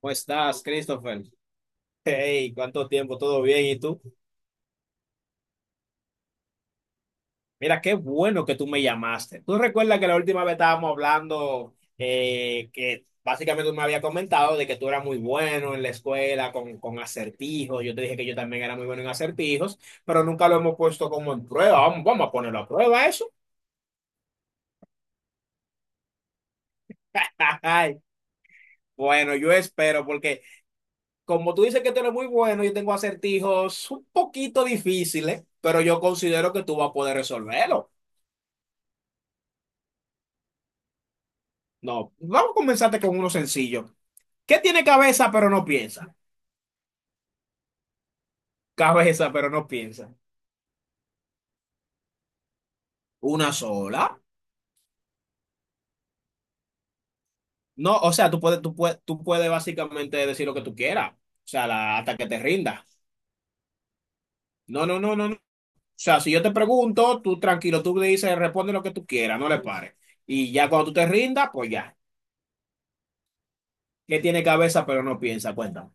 ¿Cómo estás, Christopher? Hey, ¿cuánto tiempo? ¿Todo bien? ¿Y tú? Mira, qué bueno que tú me llamaste. ¿Tú recuerdas que la última vez estábamos hablando que básicamente tú me habías comentado de que tú eras muy bueno en la escuela con acertijos? Yo te dije que yo también era muy bueno en acertijos, pero nunca lo hemos puesto como en prueba. Vamos a ponerlo a prueba eso. Ay, bueno, yo espero porque como tú dices que tú eres muy bueno, yo tengo acertijos un poquito difíciles, pero yo considero que tú vas a poder resolverlo. No, vamos a comenzarte con uno sencillo. ¿Qué tiene cabeza pero no piensa? Cabeza pero no piensa. ¿Una sola? No, o sea, tú puedes básicamente decir lo que tú quieras. O sea, hasta que te rindas. No, no, no, no, no. O sea, si yo te pregunto, tú tranquilo, tú le dices, responde lo que tú quieras, no le pares. Y ya cuando tú te rindas, pues ya. ¿Qué tiene cabeza pero no piensa? Cuéntame.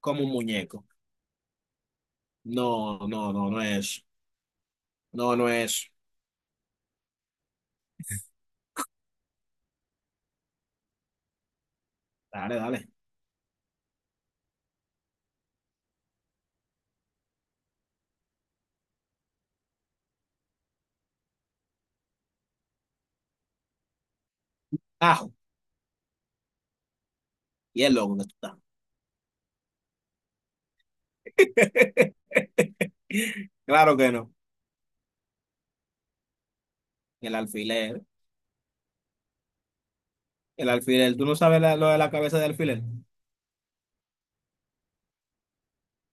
Como un muñeco. No, no, no, no es. No, no es. Dale, dale. Ajo. Y el loco que tú estás. Claro que no. El alfiler. El alfiler. ¿Tú no sabes lo de la cabeza de alfiler?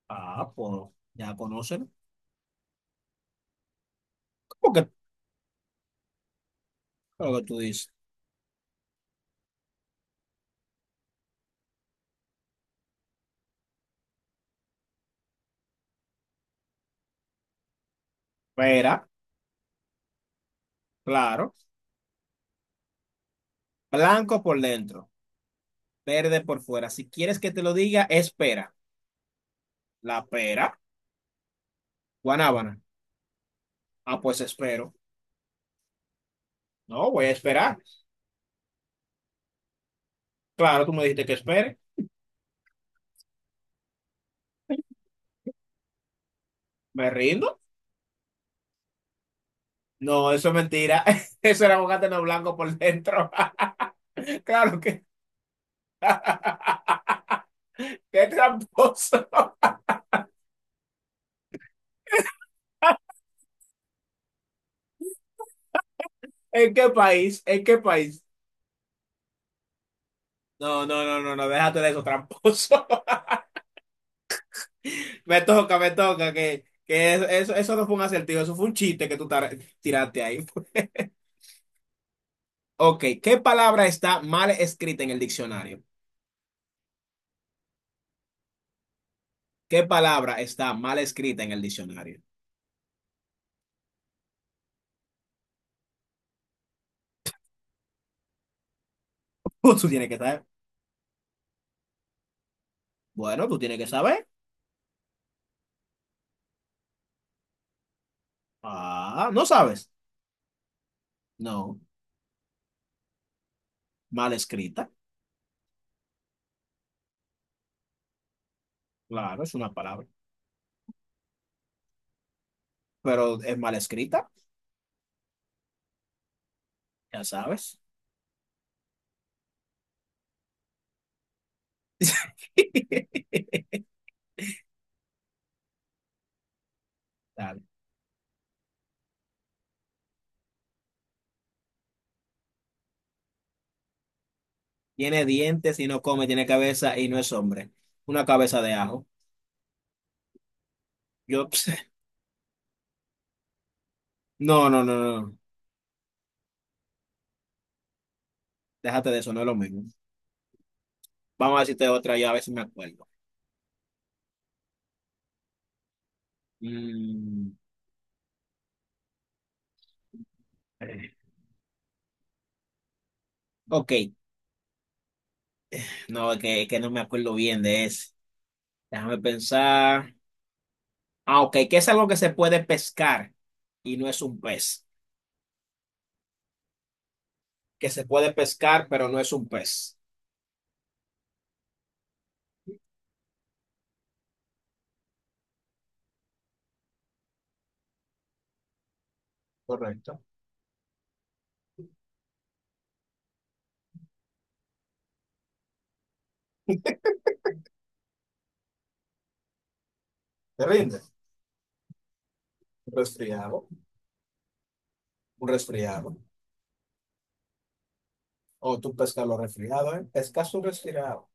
Ah, pues ya conocen. ¿Cómo que lo que tú dices? Pera, claro. Blanco por dentro, verde por fuera. Si quieres que te lo diga, espera. La pera, guanábana. Ah, pues espero. No, voy a esperar. Claro, tú me dijiste que espere. ¿Me rindo? No, eso es mentira. Eso era un no blanco por dentro. Claro que... ¡Qué tramposo! ¿En qué país? ¿En qué país? No, no, no, no, no, déjate de eso, tramposo. Que, eso, eso no fue un acertijo, eso fue un chiste que tiraste ahí. Ok, ¿qué palabra está mal escrita en el diccionario? ¿Qué palabra está mal escrita en el diccionario? Pues tú tienes que saber. Bueno, tú tienes que saber. Ah, ¿no sabes? No, mal escrita. Claro, es una palabra, pero es mal escrita, ya sabes. Dale. Tiene dientes y no come, tiene cabeza y no es hombre. Una cabeza de ajo. Yo, no, no, no, déjate de eso, no es lo mismo. Vamos a decirte otra, yo a veces me acuerdo. Mm, ok, no, es que no me acuerdo bien de ese. Déjame pensar. Ah, ok, que es algo que se puede pescar y no es un pez. Que se puede pescar, pero no es un pez. Correcto. ¿Te rinde? Un resfriado. Un resfriado. O tú pescas los resfriados, ¿eh? Pescas un resfriado.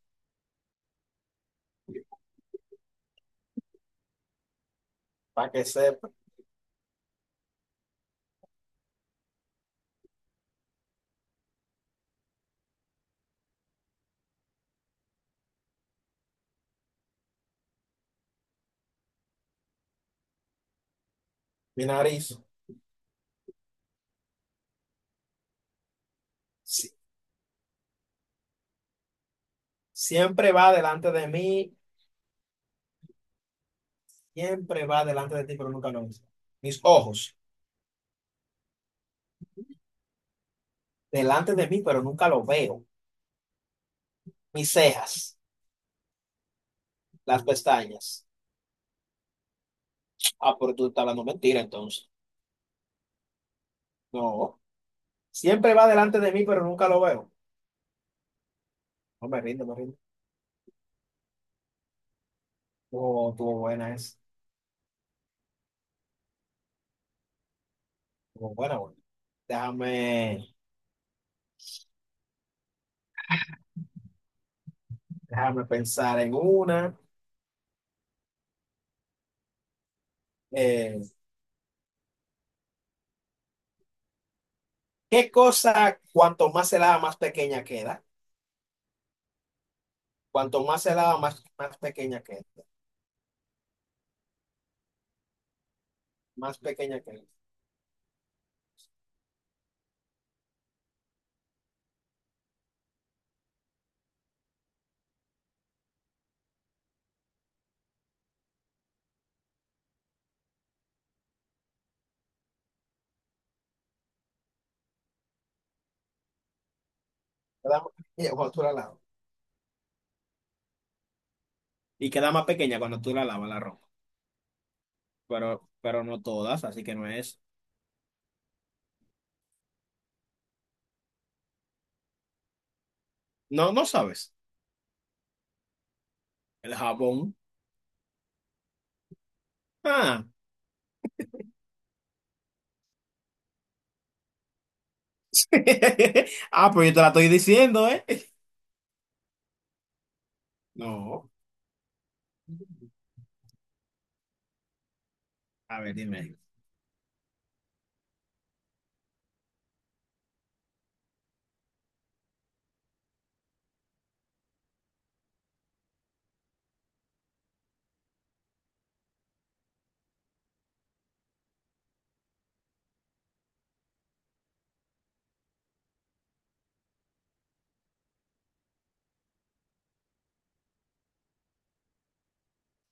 Para que sepa, mi nariz si- siempre va delante de mí. Siempre va delante de ti, pero nunca lo ves. Mis ojos, delante de mí, pero nunca lo veo. Mis cejas, las pestañas. Ah, pero tú estás hablando mentira, entonces. No. Siempre va delante de mí, pero nunca lo veo. No me rindo, me rindo. Oh, estuvo buena esa. Estuvo buena, buena. Déjame, déjame pensar en una. Eh, ¿Qué cosa, cuanto más se lava, más pequeña queda? Cuanto más se lava, más pequeña queda. Más pequeña queda. Te da- Cuando tú la lavas. Y queda más pequeña cuando tú la lavas la ropa. Pero no todas, así que no es. No, no sabes. El jabón. Ah. Ah, pues yo te la estoy diciendo, ¿eh? No. A ver, dime.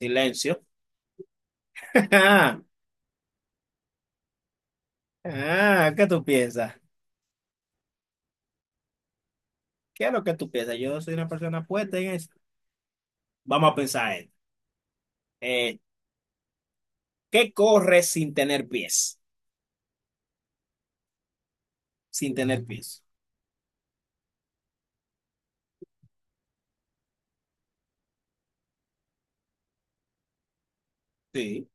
Silencio. Ah, ¿qué tú piensas? ¿Qué es lo que tú piensas? Yo soy una persona puesta en eso. Vamos a pensar en. eh, ¿Qué corre sin tener pies? Sin tener pies. Sí.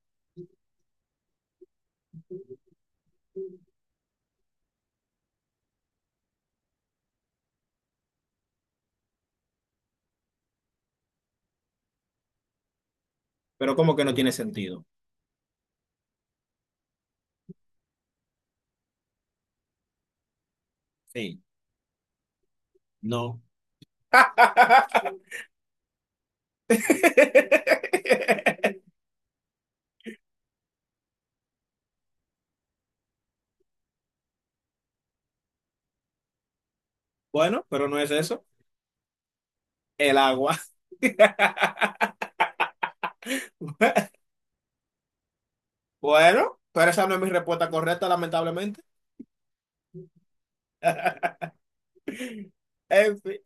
Pero ¿cómo que no tiene sentido? Sí. No. Bueno, pero no es eso. El agua. Bueno, pero esa no es mi respuesta correcta, lamentablemente. En fin.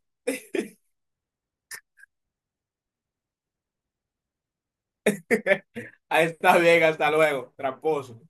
Ahí está bien, hasta luego, tramposo.